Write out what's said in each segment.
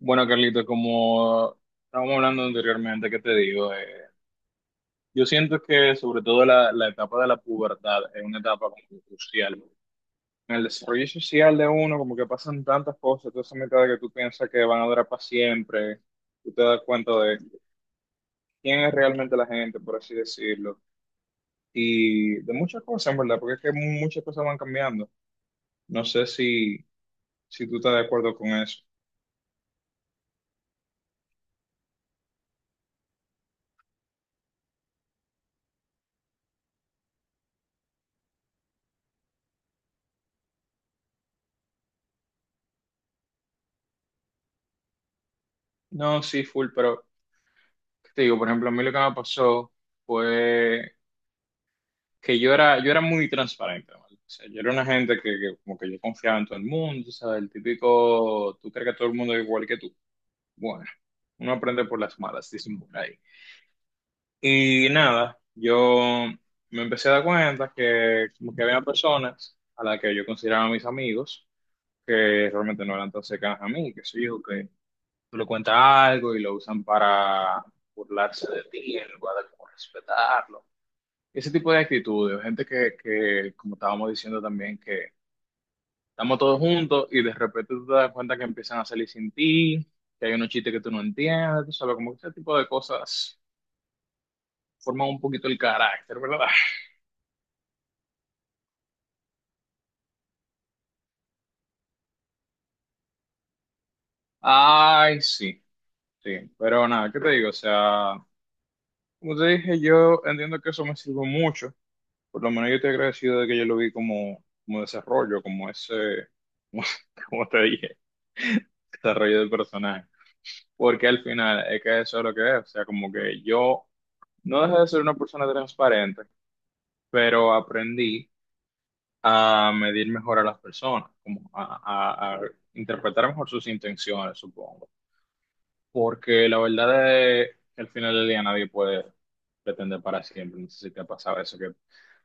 Bueno, Carlito, como estábamos hablando anteriormente, ¿qué te digo? Yo siento que sobre todo la etapa de la pubertad es una etapa como que crucial. En el desarrollo social de uno, como que pasan tantas cosas, toda esa mitad que tú piensas que van a durar para siempre, tú te das cuenta de quién es realmente la gente, por así decirlo, y de muchas cosas, en verdad, porque es que muchas cosas van cambiando. No sé si tú estás de acuerdo con eso. No, sí, full, pero, ¿qué te digo? Por ejemplo, a mí lo que me pasó fue que yo era muy transparente, ¿vale? O sea, yo era una gente que como que yo confiaba en todo el mundo, ¿sabes? El típico, tú crees que todo el mundo es igual que tú. Bueno, uno aprende por las malas, dicen por ahí. Y nada, yo me empecé a dar cuenta que como que había personas a las que yo consideraba mis amigos, que realmente no eran tan cercanas a mí, que sé yo, que tú le cuentas algo y lo usan para burlarse de ti, en lugar de como respetarlo. Ese tipo de actitudes, o gente que, como estábamos diciendo también, que estamos todos juntos y de repente tú te das cuenta que empiezan a salir sin ti, que hay unos chistes que tú no entiendes, tú sabes, como que ese tipo de cosas forman un poquito el carácter, ¿verdad? Ay, sí, sí, pero nada, ¿qué te digo? O sea, como te dije, yo entiendo que eso me sirve mucho. Por lo menos yo estoy agradecido de que yo lo vi como, desarrollo, como ese, como, como te dije, desarrollo del personaje. Porque al final es que eso es lo que es. O sea, como que yo no dejé de ser una persona transparente, pero aprendí a medir mejor a las personas, como a interpretar mejor sus intenciones, supongo. Porque la verdad es que al final del día nadie puede pretender para siempre. No sé si te ha pasado eso, que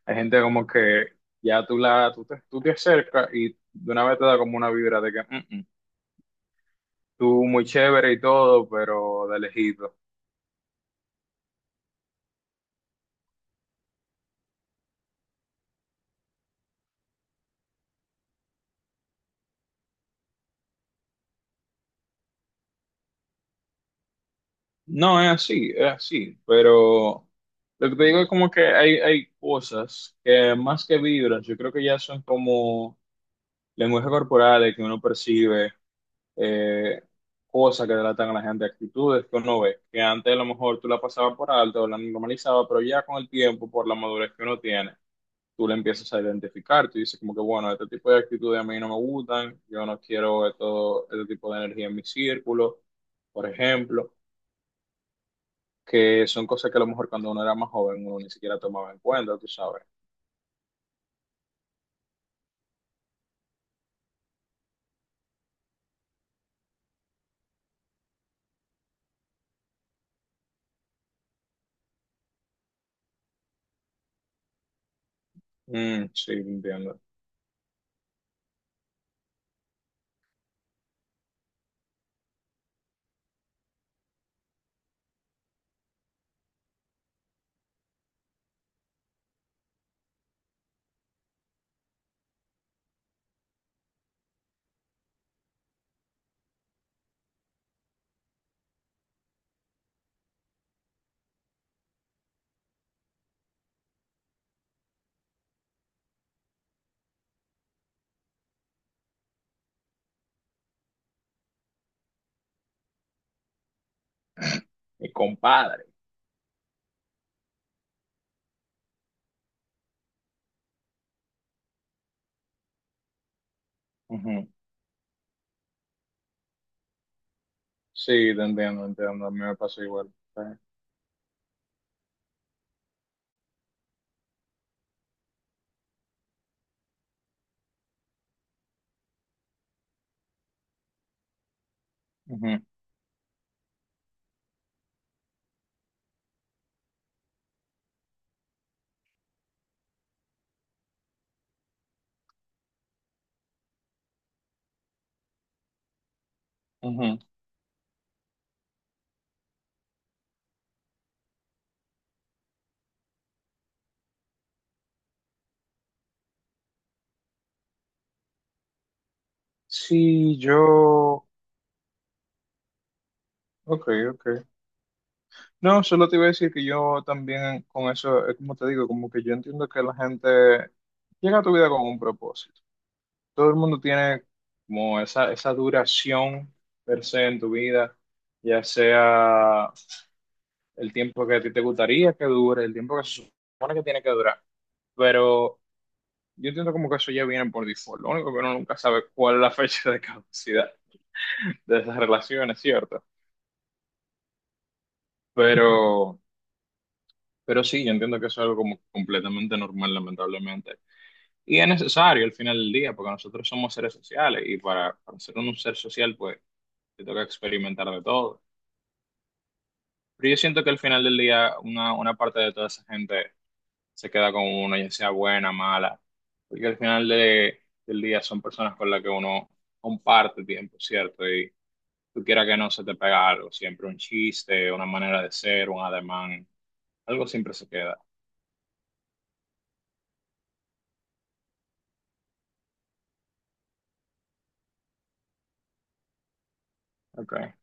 hay gente como que ya tú te acercas y de una vez te da como una vibra de que "Mm, mm, tú muy chévere y todo, pero de lejito. No, es así, pero lo que te digo es como que hay cosas que más que vibras, yo creo que ya son como lenguaje corporal que uno percibe. eh, Cosas que tratan a la gente, actitudes que uno ve, que antes a lo mejor tú la pasabas por alto, o la normalizabas, pero ya con el tiempo, por la madurez que uno tiene, tú le empiezas a identificar, tú dices como que, bueno, este tipo de actitudes a mí no me gustan, yo no quiero esto, este tipo de energía en mi círculo, por ejemplo, que son cosas que a lo mejor cuando uno era más joven uno ni siquiera tomaba en cuenta, tú sabes. Mm, sí, te entiendo. Mi compadre. Ujú. Sí, te entiendo, entiendo, a mí me pasa igual. Sí. Ujú, ujú. Sí, yo, ok, ok. No, solo te iba a decir que yo también con eso, es como te digo, como que yo entiendo que la gente llega a tu vida con un propósito. Todo el mundo tiene como esa duración per se en tu vida, ya sea el tiempo que a ti te gustaría que dure, el tiempo que se supone que tiene que durar. Pero yo entiendo como que eso ya viene por default. Lo único que uno nunca sabe cuál es la fecha de caducidad de esas relaciones, ¿cierto? Ujú. Pero... pero sí, yo entiendo que eso es algo como completamente normal, lamentablemente. Y es necesario al final del día, porque nosotros somos seres sociales y para ser un ser social, pues te toca experimentar de todo. Pero yo siento que al final del día una parte de toda esa gente se queda con uno, ya sea buena, mala, porque al final del día son personas con las que uno comparte tiempo, ¿cierto? Y tú quieras que no se te pega algo, siempre un chiste, una manera de ser, un ademán, algo siempre se queda. Okay.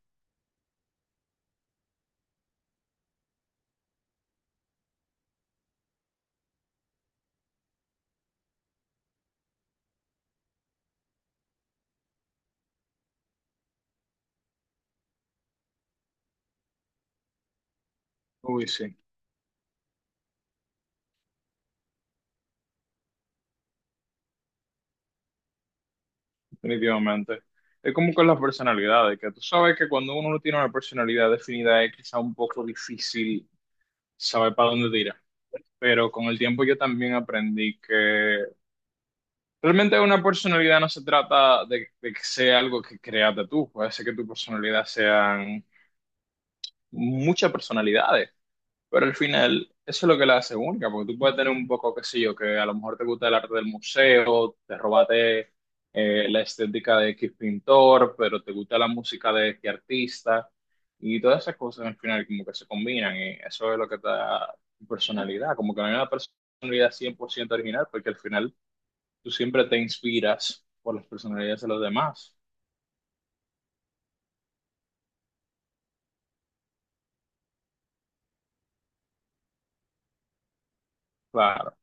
Uy, sí. Definitivamente. Es como con las personalidades, que tú sabes que cuando uno no tiene una personalidad definida es quizá un poco difícil saber para dónde tirar. Pero con el tiempo yo también aprendí que realmente una personalidad no se trata de que sea algo que creaste tú. Puede ser que tu personalidad sean muchas personalidades. Pero al final, eso es lo que la hace única, porque tú puedes tener un poco, qué sé yo, que a lo mejor te gusta el arte del museo, te robaste la estética de X pintor, pero te gusta la música de X artista, y todas esas cosas al final como que se combinan, y eso es lo que te da tu personalidad, como que no hay una personalidad 100% original, porque al final tú siempre te inspiras por las personalidades de los demás. Claro,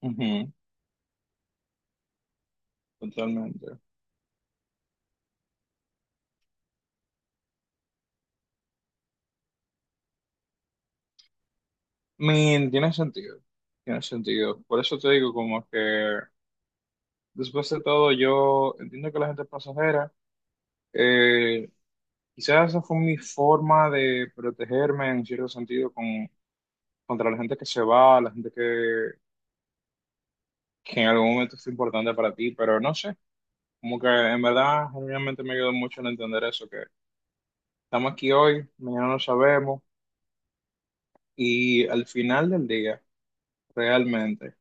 ujú, totalmente. Min, tiene sentido. Tiene sentido. Por eso te digo como que después de todo, yo entiendo que la gente es pasajera. Eh, Quizás esa fue mi forma de protegerme en cierto sentido contra la gente que se va, la gente que en algún momento es importante para ti, pero no sé, como que en verdad, realmente me ayudó mucho en entender eso, que estamos aquí hoy, mañana no sabemos, y al final del día, realmente,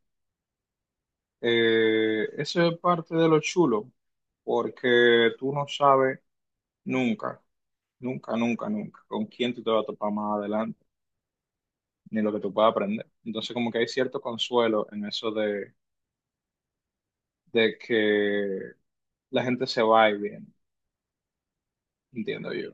eso es parte de lo chulo, porque tú no sabes nunca. Nunca, nunca, nunca. ¿Con quién tú te vas a topar más adelante? Ni lo que tú puedas aprender. Entonces, como que hay cierto consuelo en eso de, que la gente se va y viene, entiendo yo.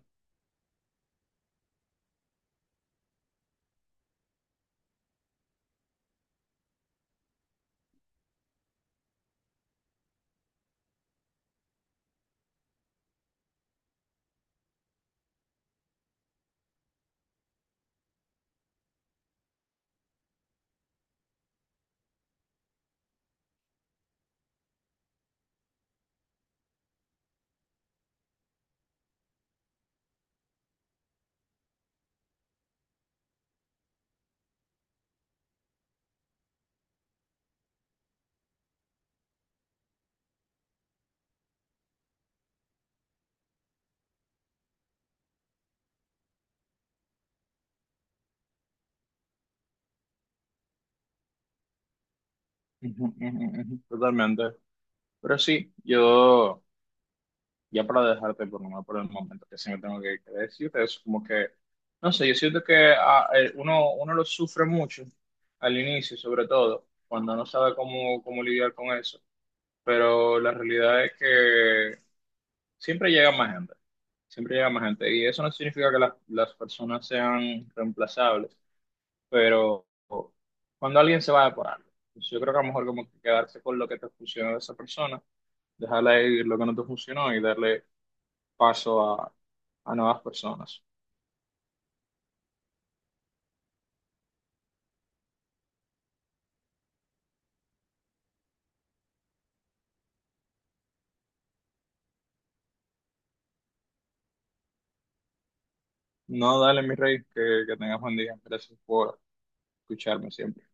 Ujú, ujú, ujú, totalmente. Pero sí, yo, ya para dejarte por nomás por el momento, que sí me tengo que decir es como que, no sé, yo siento que uno lo sufre mucho al inicio, sobre todo, cuando no sabe cómo lidiar con eso. Pero la realidad es que siempre llega más gente, siempre llega más gente. Y eso no significa que las personas sean reemplazables, pero cuando alguien se va por algo, pues yo creo que a lo mejor como que quedarse con lo que te funcionó de esa persona, dejarla ir lo que no te funcionó y darle paso a nuevas personas. No, dale, mi rey, que tengas buen día. Gracias por escucharme siempre.